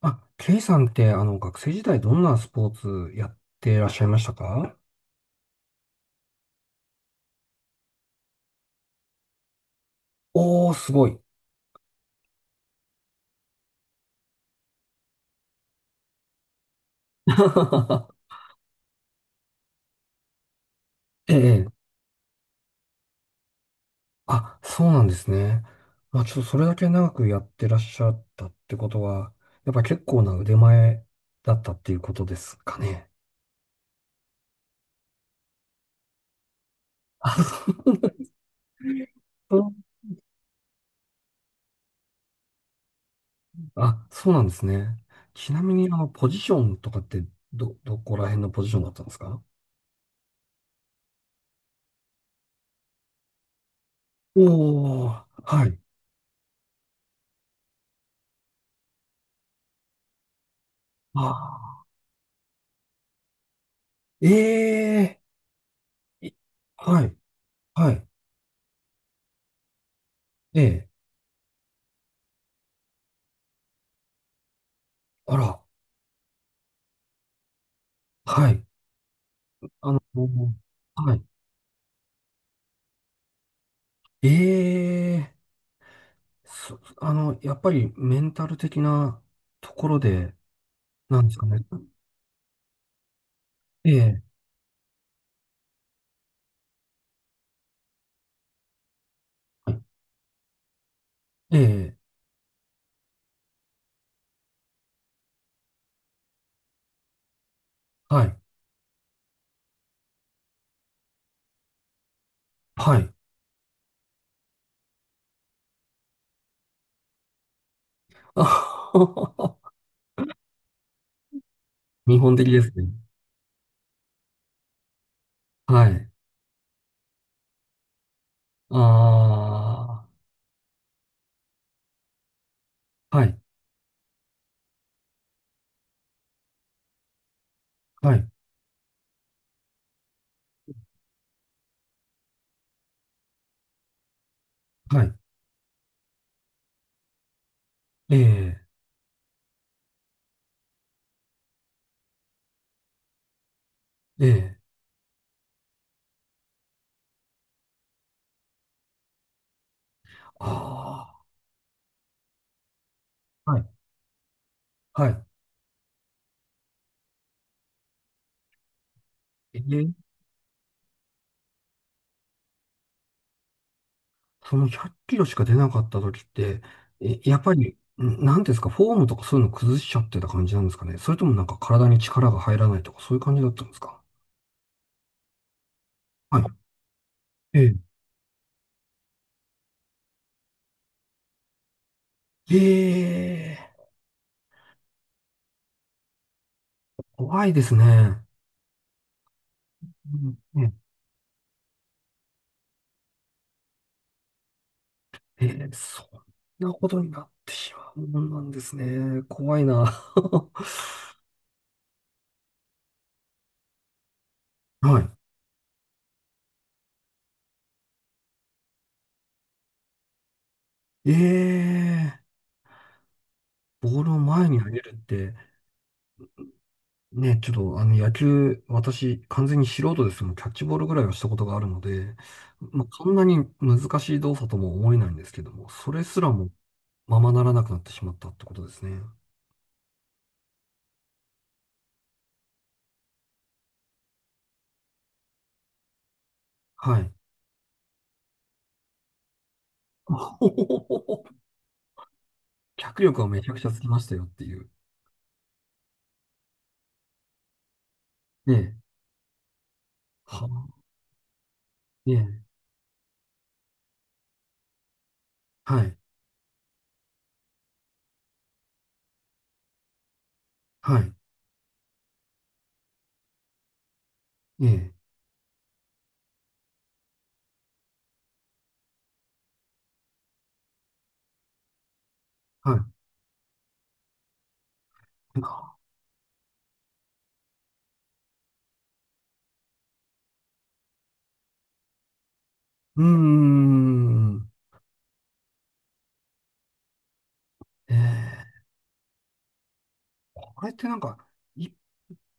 あ、ケイさんって、学生時代どんなスポーツやってらっしゃいましたか？おー、すごい。ええ、あ、そうなんですね。まあ、ちょっとそれだけ長くやってらっしゃったってことは、やっぱ結構な腕前だったっていうことですかね。あ、そう。あ、そうなんですね。ちなみに、ポジションとかって、どこら辺のポジションだったんですか？おー、はい。ああ、ええ、いはい、はい、ええ。あら、はい。あの、はい。ええやっぱりメンタル的なところで、なんですかね。ええはいええはい、はい。あはは日本的ですね。はい。ああ、はい、はい、はい。ええええああ、はい、はい。ええその100キロしか出なかった時って、え、やっぱり、なんていうんですか、フォームとかそういうの崩しちゃってた感じなんですかね。それともなんか体に力が入らないとかそういう感じだったんですか？はい。ええ、ええ怖いですね。うんねええ、そんなことになってしまうもんなんですね。怖いな。はい。ええボールを前に投げるって、ね、ちょっと野球、私、完全に素人ですけども、キャッチボールぐらいはしたことがあるので、まあ、そんなに難しい動作とも思えないんですけども、それすらもままならなくなってしまったってことですね。はい。脚力はめちゃくちゃつきましたよっていう。ねえ。はねえ。はい。はい。ねえ。はい。うーん。ええあれってなんか、いっ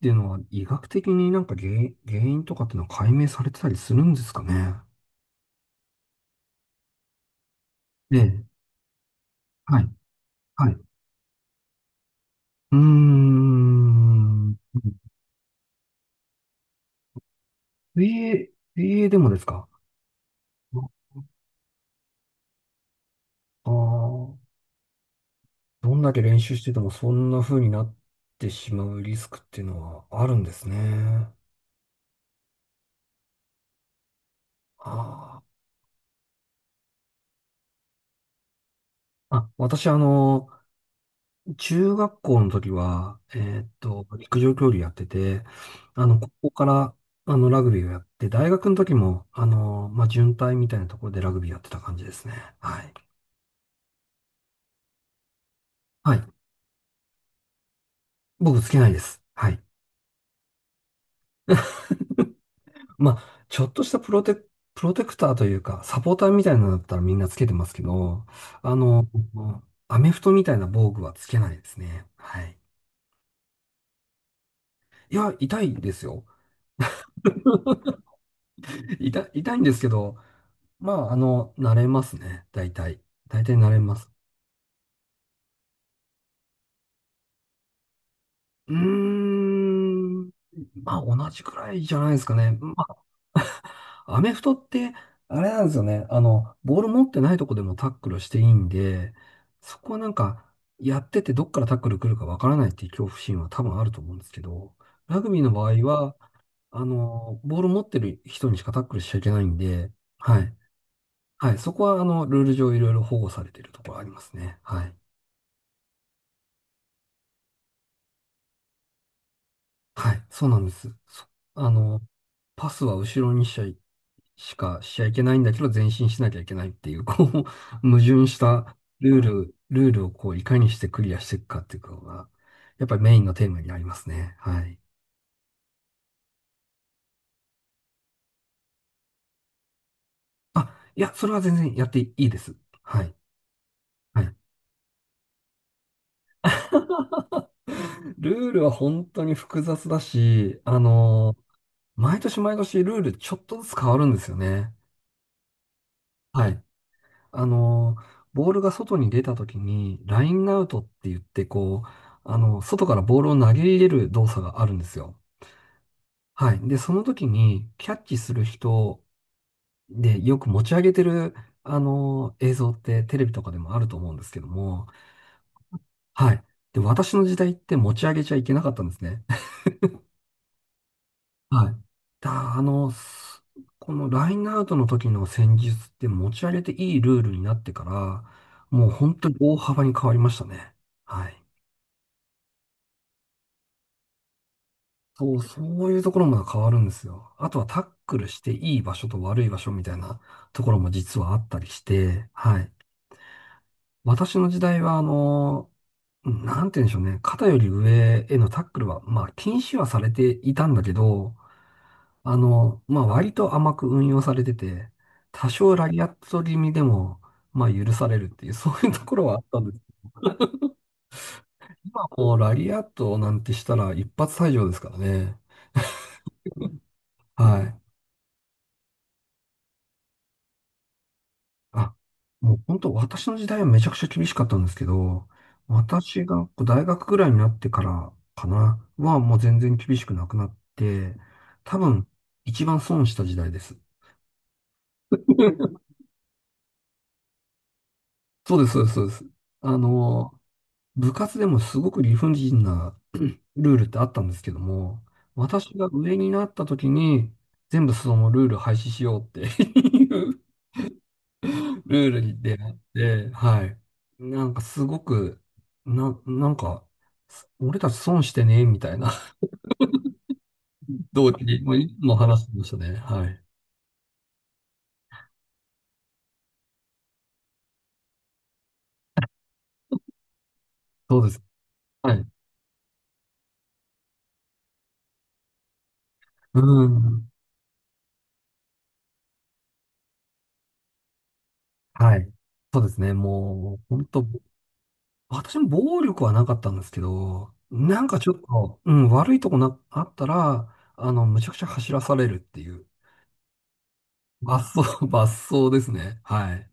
ていうのは医学的になんか原因、とかっていうのは解明されてたりするんですかね。ええ、はい、はい。うーん。水泳、水泳でもですか？ああー、どんだけ練習しててもそんな風になってしまうリスクっていうのはあるんですね。あーあ、私中学校の時は、陸上競技やってて、ここから、ラグビーをやって、大学の時も、まあ、準隊みたいなところでラグビーやってた感じですね。はい。はい。僕つけないです。はい。まあ、ちょっとしたプロテクターというか、サポーターみたいなのだったらみんなつけてますけど、あの、アメフトみたいな防具はつけないですね。はい。いや、痛いですよ。痛いんですけど、まあ、慣れますね。大体。大体慣れます。うーん。まあ、同じくらいじゃないですかね。まあ、アメフトって、あれなんですよね。ボール持ってないとこでもタックルしていいんで、そこはなんか、やっててどっからタックル来るかわからないっていう恐怖心は多分あると思うんですけど、ラグビーの場合は、ボール持ってる人にしかタックルしちゃいけないんで、はい。はい。そこは、ルール上いろいろ保護されてるところありますね。はい。はい、そうなんです。そあの、パスは後ろにしかしちゃいけないんだけど、前進しなきゃいけないっていう、こう、矛盾したルールをこう、いかにしてクリアしていくかっていうのが、やっぱりメインのテーマになりますね。はい。あ、いや、それは全然やっていいです。はい。はい。ルールは本当に複雑だし、毎年毎年ルールちょっとずつ変わるんですよね。はい。あの、ボールが外に出た時に、ラインアウトって言って、こう、外からボールを投げ入れる動作があるんですよ。はい。で、その時に、キャッチする人で、よく持ち上げてる、映像ってテレビとかでもあると思うんですけども、はい。で、私の時代って持ち上げちゃいけなかったんですね。はい。だ、あの、すこのラインアウトの時の戦術って持ち上げていいルールになってから、もう本当に大幅に変わりましたね。はい。そういうところも変わるんですよ。あとはタックルしていい場所と悪い場所みたいな ところも実はあったりして、はい。私の時代は、なんて言うんでしょうね。肩より上へのタックルは、まあ、禁止はされていたんだけど、まあ、割と甘く運用されてて、多少ラリアット気味でも、まあ、許されるっていう、そういうところはあったんです。今もうラリアットなんてしたら一発退場ですからね。はい。あ、もう本当、私の時代はめちゃくちゃ厳しかったんですけど、私がこう大学ぐらいになってからかな、はもう全然厳しくなくなって、多分、一番損した時代です。そうです、そうです、そうです。あの、部活でもすごく理不尽なルールってあったんですけども、私が上になった時に、全部そのルール廃止しようって ルールに出会って、はい。なんかすごく、なんか、俺たち損してね、みたいな 同期もいつも話してましたね。はい。そうです。はい。うん。はい。そうですね。もう、本当私も暴力はなかったんですけど、なんかちょっと、うん、悪いとこな、あったら、むちゃくちゃ走らされるっていう、罰走、罰走ですね。はい。